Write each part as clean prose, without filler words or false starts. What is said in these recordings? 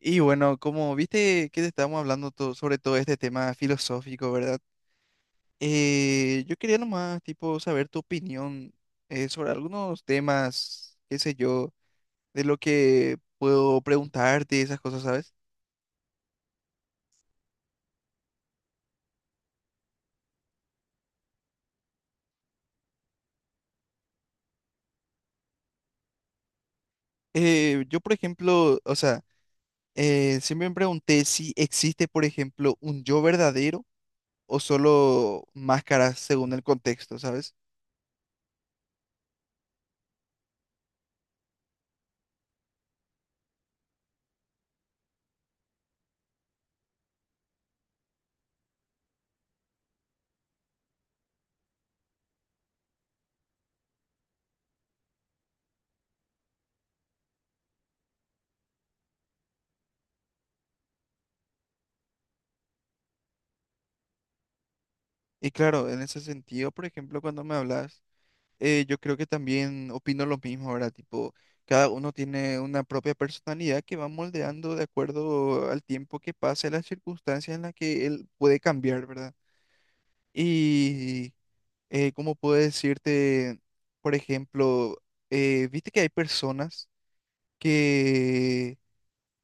Y bueno, como viste que estábamos hablando sobre todo este tema filosófico, ¿verdad? Yo quería nomás, tipo, saber tu opinión sobre algunos temas, qué sé yo, de lo que puedo preguntarte, esas cosas, ¿sabes? Yo, por ejemplo, o sea, siempre me pregunté si existe, por ejemplo, un yo verdadero o solo máscaras según el contexto, ¿sabes? Y claro, en ese sentido, por ejemplo, cuando me hablas, yo creo que también opino lo mismo, ¿verdad? Tipo, cada uno tiene una propia personalidad que va moldeando de acuerdo al tiempo que pasa, y las circunstancias en las que él puede cambiar, ¿verdad? Y cómo puedo decirte, por ejemplo, viste que hay personas que,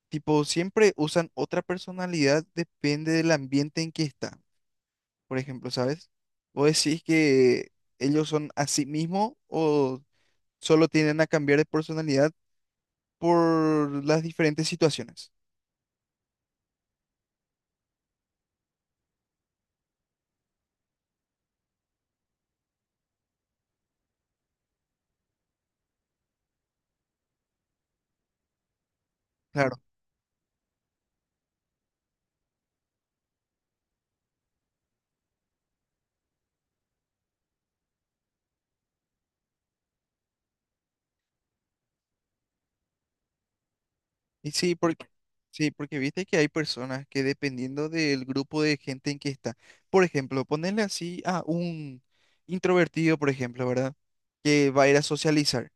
tipo, siempre usan otra personalidad, depende del ambiente en que está, por ejemplo, ¿sabes? ¿Vos decís que ellos son a sí mismos o solo tienden a cambiar de personalidad por las diferentes situaciones? Claro. Y sí, porque viste que hay personas que, dependiendo del grupo de gente en que está, por ejemplo, ponerle así a un introvertido, por ejemplo, ¿verdad? Que va a ir a socializar.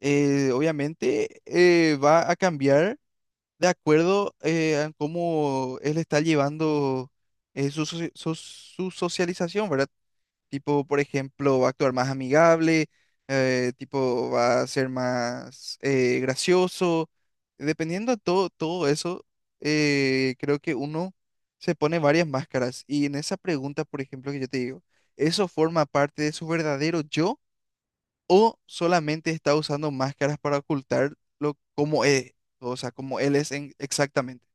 Obviamente va a cambiar de acuerdo a cómo él está llevando su socialización, ¿verdad? Tipo, por ejemplo, va a actuar más amigable, tipo, va a ser más gracioso. Dependiendo de todo eso, creo que uno se pone varias máscaras. Y en esa pregunta, por ejemplo, que yo te digo, ¿eso forma parte de su verdadero yo o solamente está usando máscaras para ocultar lo, cómo es? O sea, como él es exactamente.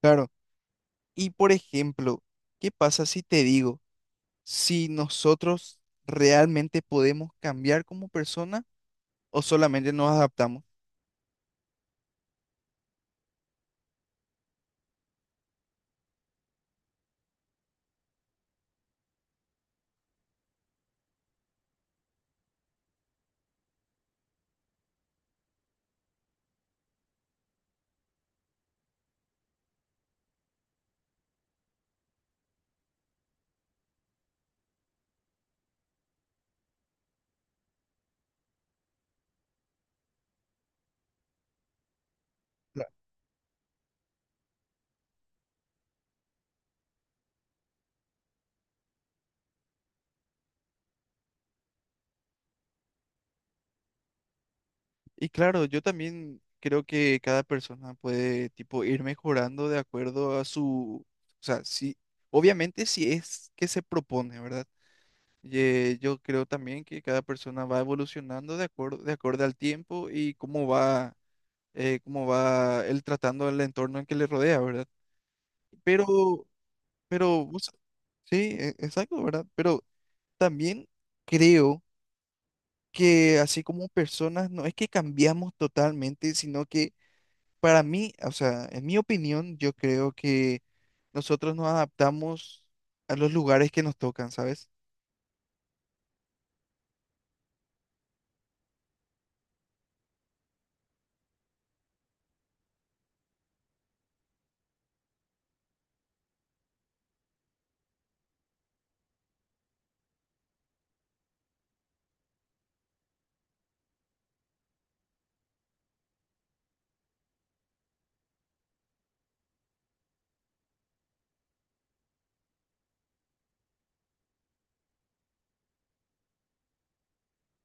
Claro. Y por ejemplo, ¿qué pasa si te digo si nosotros realmente podemos cambiar como persona o solamente nos adaptamos? Claro. Y claro, yo también creo que cada persona puede, tipo, ir mejorando de acuerdo a su, o sea, si, obviamente, si es que se propone, ¿verdad? Yo creo también que cada persona va evolucionando de de acuerdo al tiempo y cómo va él tratando el entorno en que le rodea, ¿verdad? Pero, pero, sí, exacto, ¿verdad? Pero también creo que así como personas, no es que cambiamos totalmente, sino que para mí, o sea, en mi opinión, yo creo que nosotros nos adaptamos a los lugares que nos tocan, ¿sabes?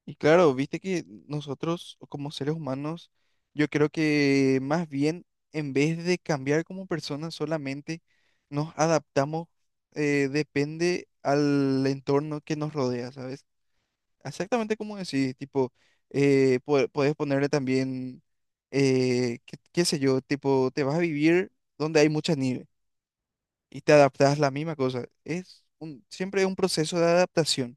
Y claro, viste que nosotros, como seres humanos, yo creo que más bien, en vez de cambiar como personas solamente, nos adaptamos, depende al entorno que nos rodea, ¿sabes? Exactamente como decís, tipo, podés ponerle también, qué, qué sé yo, tipo, te vas a vivir donde hay mucha nieve y te adaptás la misma cosa. Siempre es un proceso de adaptación.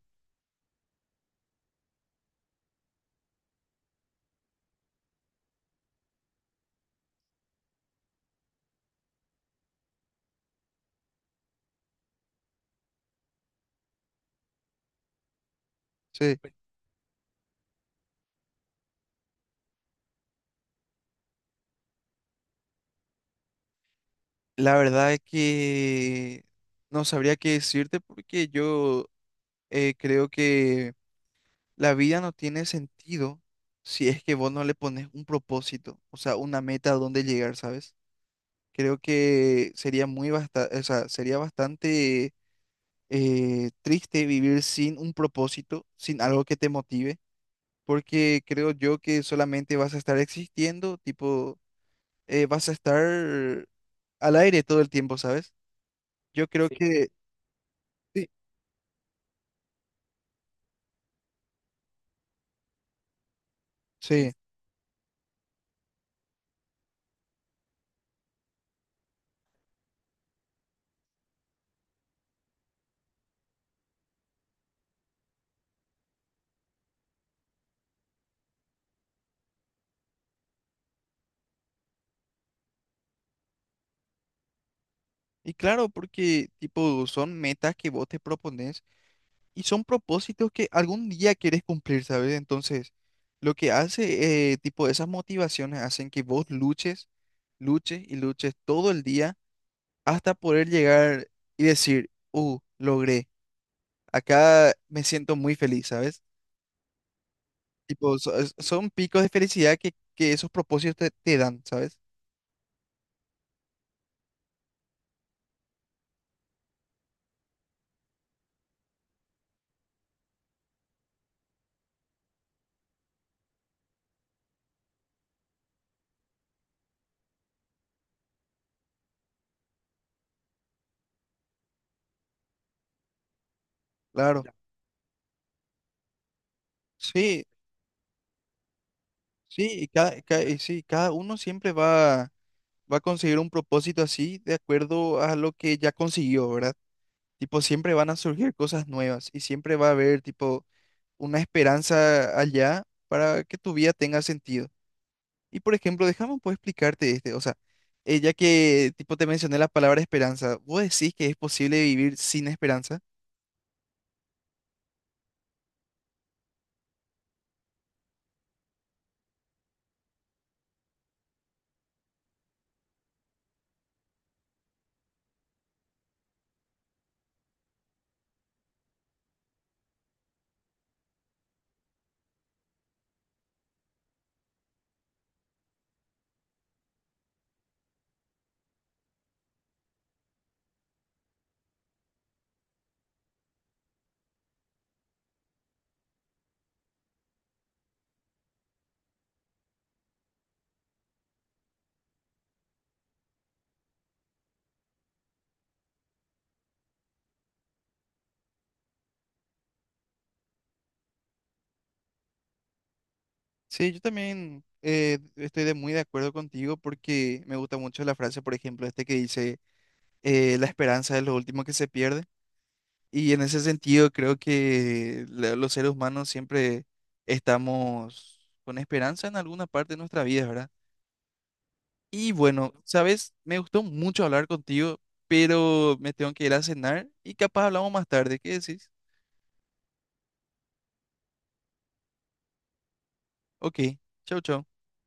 Sí, la verdad es que no sabría qué decirte porque yo creo que la vida no tiene sentido si es que vos no le pones un propósito, o sea, una meta a dónde llegar, ¿sabes? Creo que sería o sea, sería bastante triste vivir sin un propósito, sin algo que te motive, porque creo yo que solamente vas a estar existiendo, tipo, vas a estar al aire todo el tiempo, ¿sabes? Yo creo. Sí. Que sí, sí. Y claro, porque tipo son metas que vos te propones y son propósitos que algún día quieres cumplir, ¿sabes? Entonces, lo que hace, tipo, esas motivaciones hacen que vos luches, luches y luches todo el día hasta poder llegar y decir, logré, acá me siento muy feliz, ¿sabes? Tipo, son picos de felicidad que esos propósitos te, te dan, ¿sabes? Claro. Sí, sí, y y sí, cada uno siempre va, va a conseguir un propósito así de acuerdo a lo que ya consiguió, ¿verdad? Tipo, siempre van a surgir cosas nuevas y siempre va a haber, tipo, una esperanza allá para que tu vida tenga sentido. Y, por ejemplo, déjame un poco explicarte este, o sea, ya que, tipo, te mencioné la palabra esperanza, ¿vos decís que es posible vivir sin esperanza? Sí, yo también estoy de muy de acuerdo contigo porque me gusta mucho la frase, por ejemplo, este que dice, la esperanza es lo último que se pierde. Y en ese sentido creo que los seres humanos siempre estamos con esperanza en alguna parte de nuestra vida, ¿verdad? Y bueno, sabes, me gustó mucho hablar contigo, pero me tengo que ir a cenar y capaz hablamos más tarde. ¿Qué decís? Ok, chau, chau.